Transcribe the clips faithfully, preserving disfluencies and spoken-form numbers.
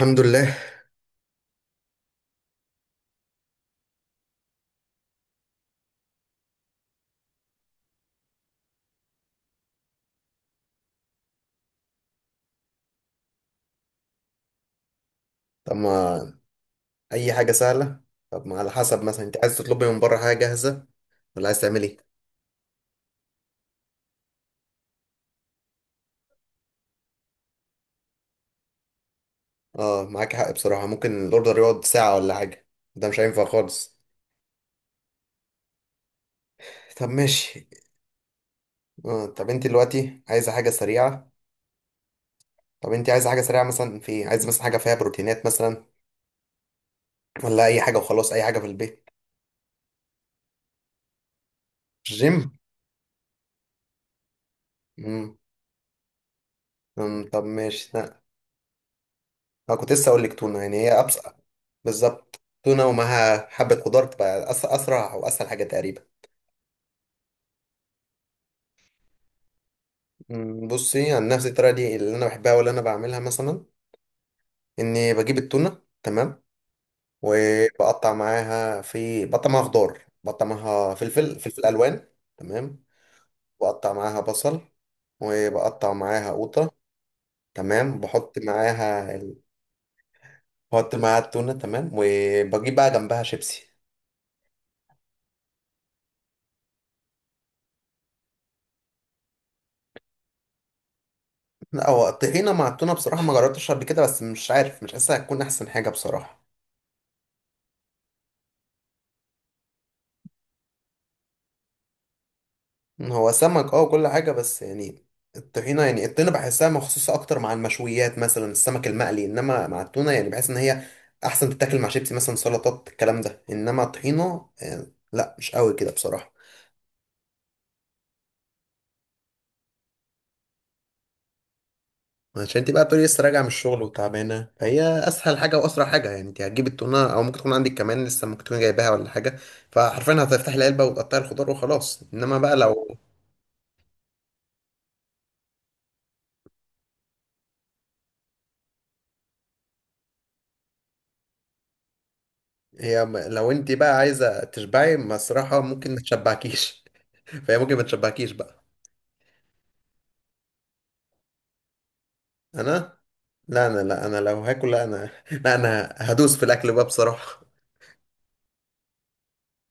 الحمد لله. طب ما اي حاجه سهله. طب، ما على حسب، مثلا انت عايز تطلبي من بره حاجه جاهزه ولا عايز تعمل ايه؟ اه، معاك حق بصراحه، ممكن الاوردر يقعد ساعه ولا حاجه. ده مش هينفع خالص. طب ماشي. آه، طب انت دلوقتي عايزه حاجه سريعه؟ طب انت عايزه حاجه سريعه مثلا، في إيه؟ عايزه مثلا حاجه فيها بروتينات مثلا، ولا اي حاجه وخلاص، اي حاجه في البيت؟ جيم. امم. أمم، طب ماشي. لا، انا كنت لسه اقول لك تونه، يعني هي ابسط. بالظبط، تونه ومعاها حبه خضار تبقى أس- اسرع واسهل حاجه تقريبا. مم، بصي، عن نفس الطريقه دي اللي انا بحبها واللي انا بعملها مثلا، اني بجيب التونه، تمام، وبقطع معاها، في بقطع معاها خضار، بقطع معاها فلفل فلفل الوان، تمام. بقطع معاها بصل، وبقطع معاها قوطه، تمام. بحط معاها ال... بحط معاها التونه، تمام، وبجيب بقى جنبها شيبسي. لا، هو الطحينه مع التونه بصراحه ما جربتش قبل كده، بس مش عارف، مش حاسسها هتكون احسن حاجه بصراحه. هو سمك، اه، وكل حاجة، بس يعني الطحينة، يعني الطحينة بحسها مخصوصة أكتر مع المشويات، مثلا السمك المقلي، إنما مع التونة يعني بحس إن هي أحسن تتاكل مع شيبسي مثلا، سلطات، الكلام ده. إنما الطحينة آه، لا، مش قوي كده بصراحة. عشان انت بقى بتقولي لسه راجعة من الشغل وتعبانة، فهي أسهل حاجة وأسرع حاجة. يعني انت هتجيب التونة أو ممكن تكون عندك كمان لسه، ممكن تكون جايباها ولا حاجة، فحرفيا هتفتحي العلبة وتقطعي الخضار وخلاص. إنما بقى، لو هي، لو انت بقى عايزة تشبعي بصراحة، ممكن ما تشبعكيش. فهي ممكن ما تشبعكيش بقى. انا لا انا لا انا لو هاكل، لا انا لا انا هدوس في الاكل بقى بصراحه.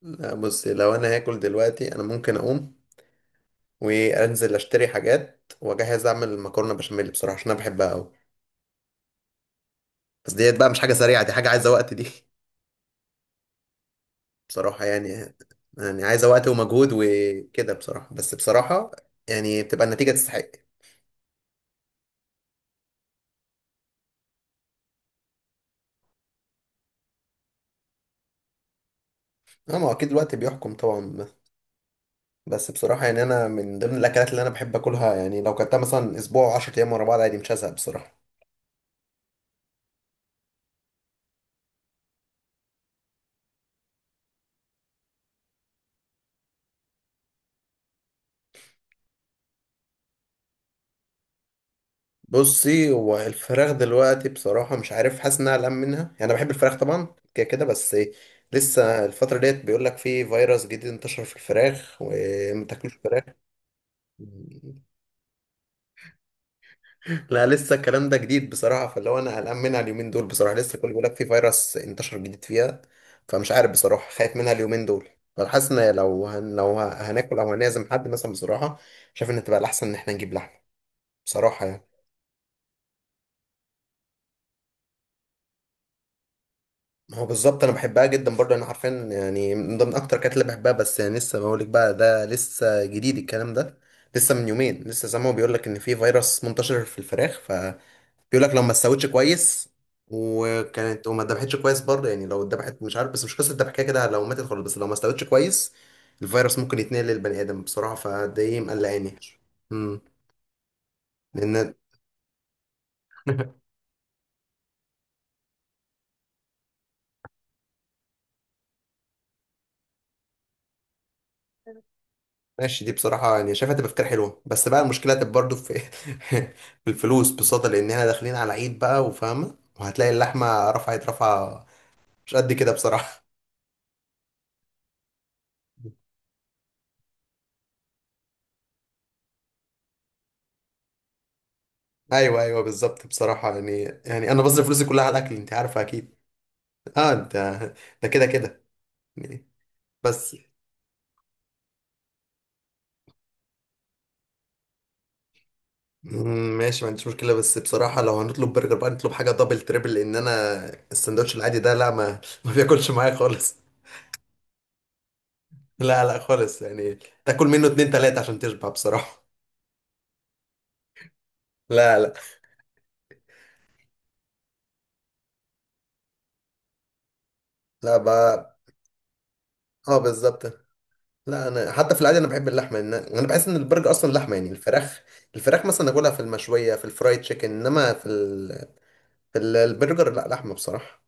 لا بصي، لو انا هاكل دلوقتي، انا ممكن اقوم وانزل اشتري حاجات واجهز اعمل مكرونه بشاميل بصراحه، عشان انا بحبها قوي. بس ديت بقى مش حاجه سريعه، دي حاجه عايزه وقت دي بصراحه يعني، يعني عايزه وقت ومجهود وكده بصراحه. بس بصراحه يعني بتبقى النتيجه تستحق. اه، ما هو اكيد الوقت بيحكم طبعا. بس بصراحة يعني أنا من ضمن الأكلات اللي أنا بحب أكلها. يعني لو كلتها مثلا أسبوع أو 10 أيام ورا بعض، عادي، مش هزهق بصراحة. بصي، هو الفراخ دلوقتي بصراحة مش عارف، حاسس إنها أقلق منها. يعني أنا بحب الفراخ طبعا كده كده، بس إيه، لسه الفترة ديت بيقول لك في فيروس جديد انتشر في الفراخ ومتاكلوش فراخ. لا، لسه الكلام ده جديد بصراحة، فاللي هو أنا قلقان منها اليومين دول بصراحة. لسه كل بيقول لك في فيروس انتشر جديد فيها، فمش عارف بصراحة، خايف منها اليومين دول. فحاسس إن لو هن... لو ه- هناكل أو هنعزم حد مثلا، بصراحة شايف إن تبقى الأحسن إن إحنا نجيب لحمة بصراحة يعني. ما هو بالظبط، أنا بحبها جدا برضه، أنا عارفين يعني من ضمن أكتر الأكلات اللي بحبها. بس يعني لسه بقول لك بقى، ده لسه جديد الكلام ده، لسه من يومين لسه سامعه بيقول لك إن في فيروس منتشر في الفراخ. بيقول لك لو ما استوتش كويس وكانت وما اتذبحتش كويس برضه، يعني لو اتذبحت مش عارف، بس مش قصه الذبح، كده كده لو ماتت خالص، بس لو ما استوتش كويس الفيروس ممكن يتنقل للبني ادم بصراحه، فده ايه مقلقاني. امم. لان ماشي، دي بصراحه يعني شايفها تبقى فكره حلوه، بس بقى المشكله تبقى برضه في في الفلوس بصدى، لان احنا داخلين على عيد بقى وفاهمه، وهتلاقي اللحمه رفعت رفعه، مش قد كده بصراحه. ايوه ايوه، بالظبط بصراحه، يعني يعني انا بصرف فلوسي كلها على الاكل، انت عارفه اكيد. اه انت، ده كده كده جنيه. بس مم، ماشي، ما عنديش مشكلة، بس بصراحة لو هنطلب برجر بقى نطلب حاجة دبل تريبل، لأن أنا السندوتش العادي ده، لا، ما ما بياكلش معايا خالص. لا لا، خالص يعني. تاكل منه اتنين تلاتة عشان تشبع بصراحة. لا لا، لا بقى. اه، بالظبط. لا، أنا حتى في العادي أنا بحب اللحمة، إن أنا بحس إن البرجر أصلا لحمة. يعني الفراخ، الفراخ مثلا أكلها في المشوية، في الفرايد تشيكن، إنما في ال... في ال- البرجر لا، لحمة بصراحة.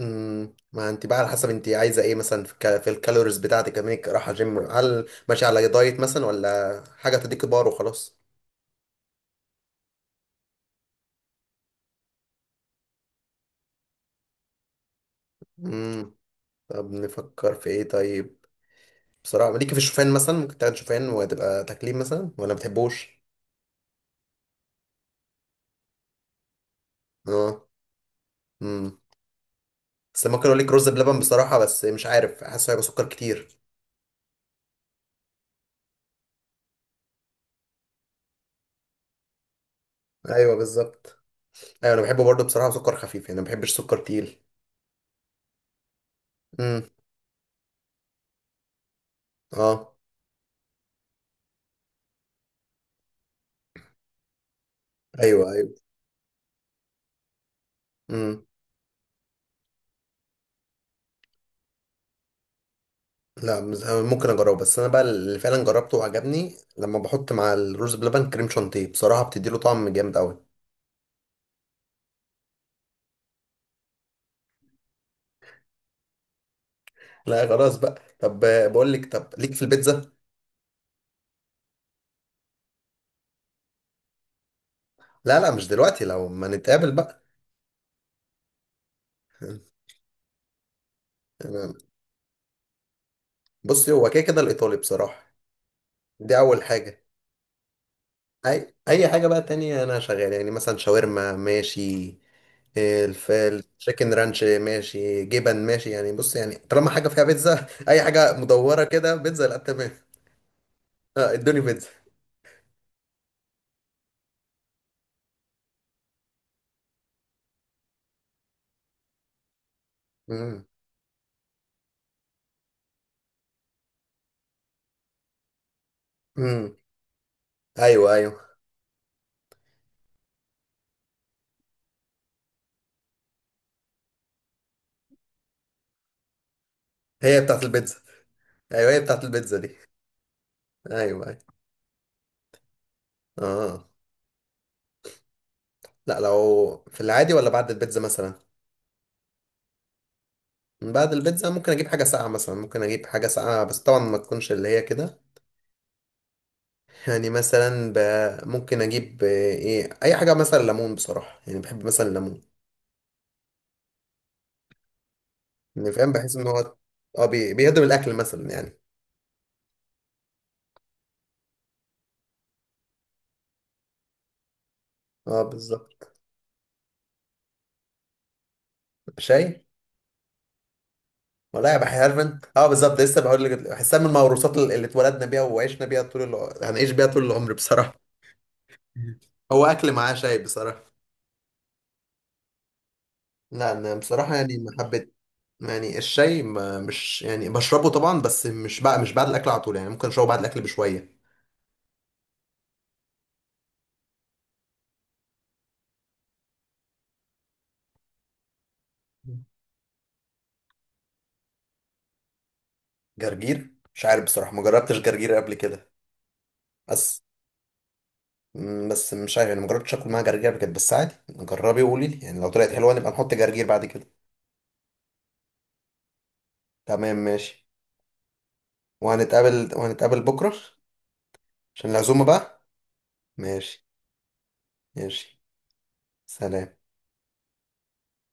امم، ما انت بقى على حسب انت عايزه ايه، مثلا في, الك... في الكالوريز بتاعتك، لما انك رايحه جيم، هل ماشيه على دايت مثلا، ولا حاجه تديكي بار وخلاص؟ امم، طب نفكر في ايه طيب؟ بصراحه ليكي في الشوفان مثلا، ممكن تاخد شوفان وتبقى تكليم مثلا، ولا ما بتحبوش؟ اه. امم. بس ممكن اقول لك رز بلبن بصراحه، بس مش عارف حاسه هيبقى سكر كتير. ايوه بالظبط. ايوه انا بحبه برضه بصراحه، سكر خفيف يعني، ما بحبش سكر تقيل. امم. اه. ايوه ايوه. مم. لا، مز- أنا ممكن اجربه، بس انا بقى اللي فعلا جربته وعجبني لما بحط مع الرز بلبن كريم شانتيه بصراحه، بتدي له طعم جامد قوي. لا خلاص بقى. طب آه، بقول لك، طب ليك في البيتزا؟ لا لا، مش دلوقتي، لو ما نتقابل بقى. أنا- بصي، هو كده كده الايطالي بصراحه، دي اول حاجه. اي، اي حاجه بقى تانية انا شغال، يعني مثلا شاورما ماشي، آه، الف التشيكن رانش ماشي، جبن ماشي. يعني بص، يعني طالما حاجه فيها بيتزا اي حاجه مدوره كده بيتزا، لا تمام. آه، ادوني بيتزا. مم. امم. ايوه ايوه، هي بتاعت البيتزا. ايوه هي بتاعت البيتزا دي. ايوه ايوه. اه. لا، لو في العادي ولا بعد البيتزا مثلا؟ بعد البيتزا ممكن اجيب حاجه ساقعه مثلا، ممكن اجيب حاجه ساقعه، بس طبعا ما تكونش اللي هي كده. يعني مثلا ب... ممكن اجيب آه، ايه، اي حاجه مثلا ليمون بصراحه، يعني بحب مثلا الليمون. يعني فاهم، بحس ان هو، اه، بي... بيهضم الاكل مثلا يعني. اه بالظبط. شاي؟ ولا يا بحي انت، اه بالظبط، لسه بقول لك، بحسها من الموروثات اللي اللي اتولدنا بيها وعشنا بيها طول الع... هنعيش بيها طول العمر بصراحه. هو اكل معاه شاي بصراحه. لا، انا بصراحه يعني ما حبيت، يعني الشاي، ما مش يعني بشربه طبعا، بس مش بقى، مش بعد الاكل على طول يعني، ممكن اشربه بعد الاكل بشويه. جرجير؟ مش عارف بصراحه، ما جربتش جرجير قبل كده، بس مم، بس مش عارف يعني، ما جربتش اكل معاه جرجير قبل كده، بس عادي جربي وقولي لي يعني، لو طلعت حلوه نبقى نحط جرجير بعد كده. تمام ماشي. وهنتقابل وهنتقابل بكره عشان العزومه بقى. ماشي. ماشي، سلام.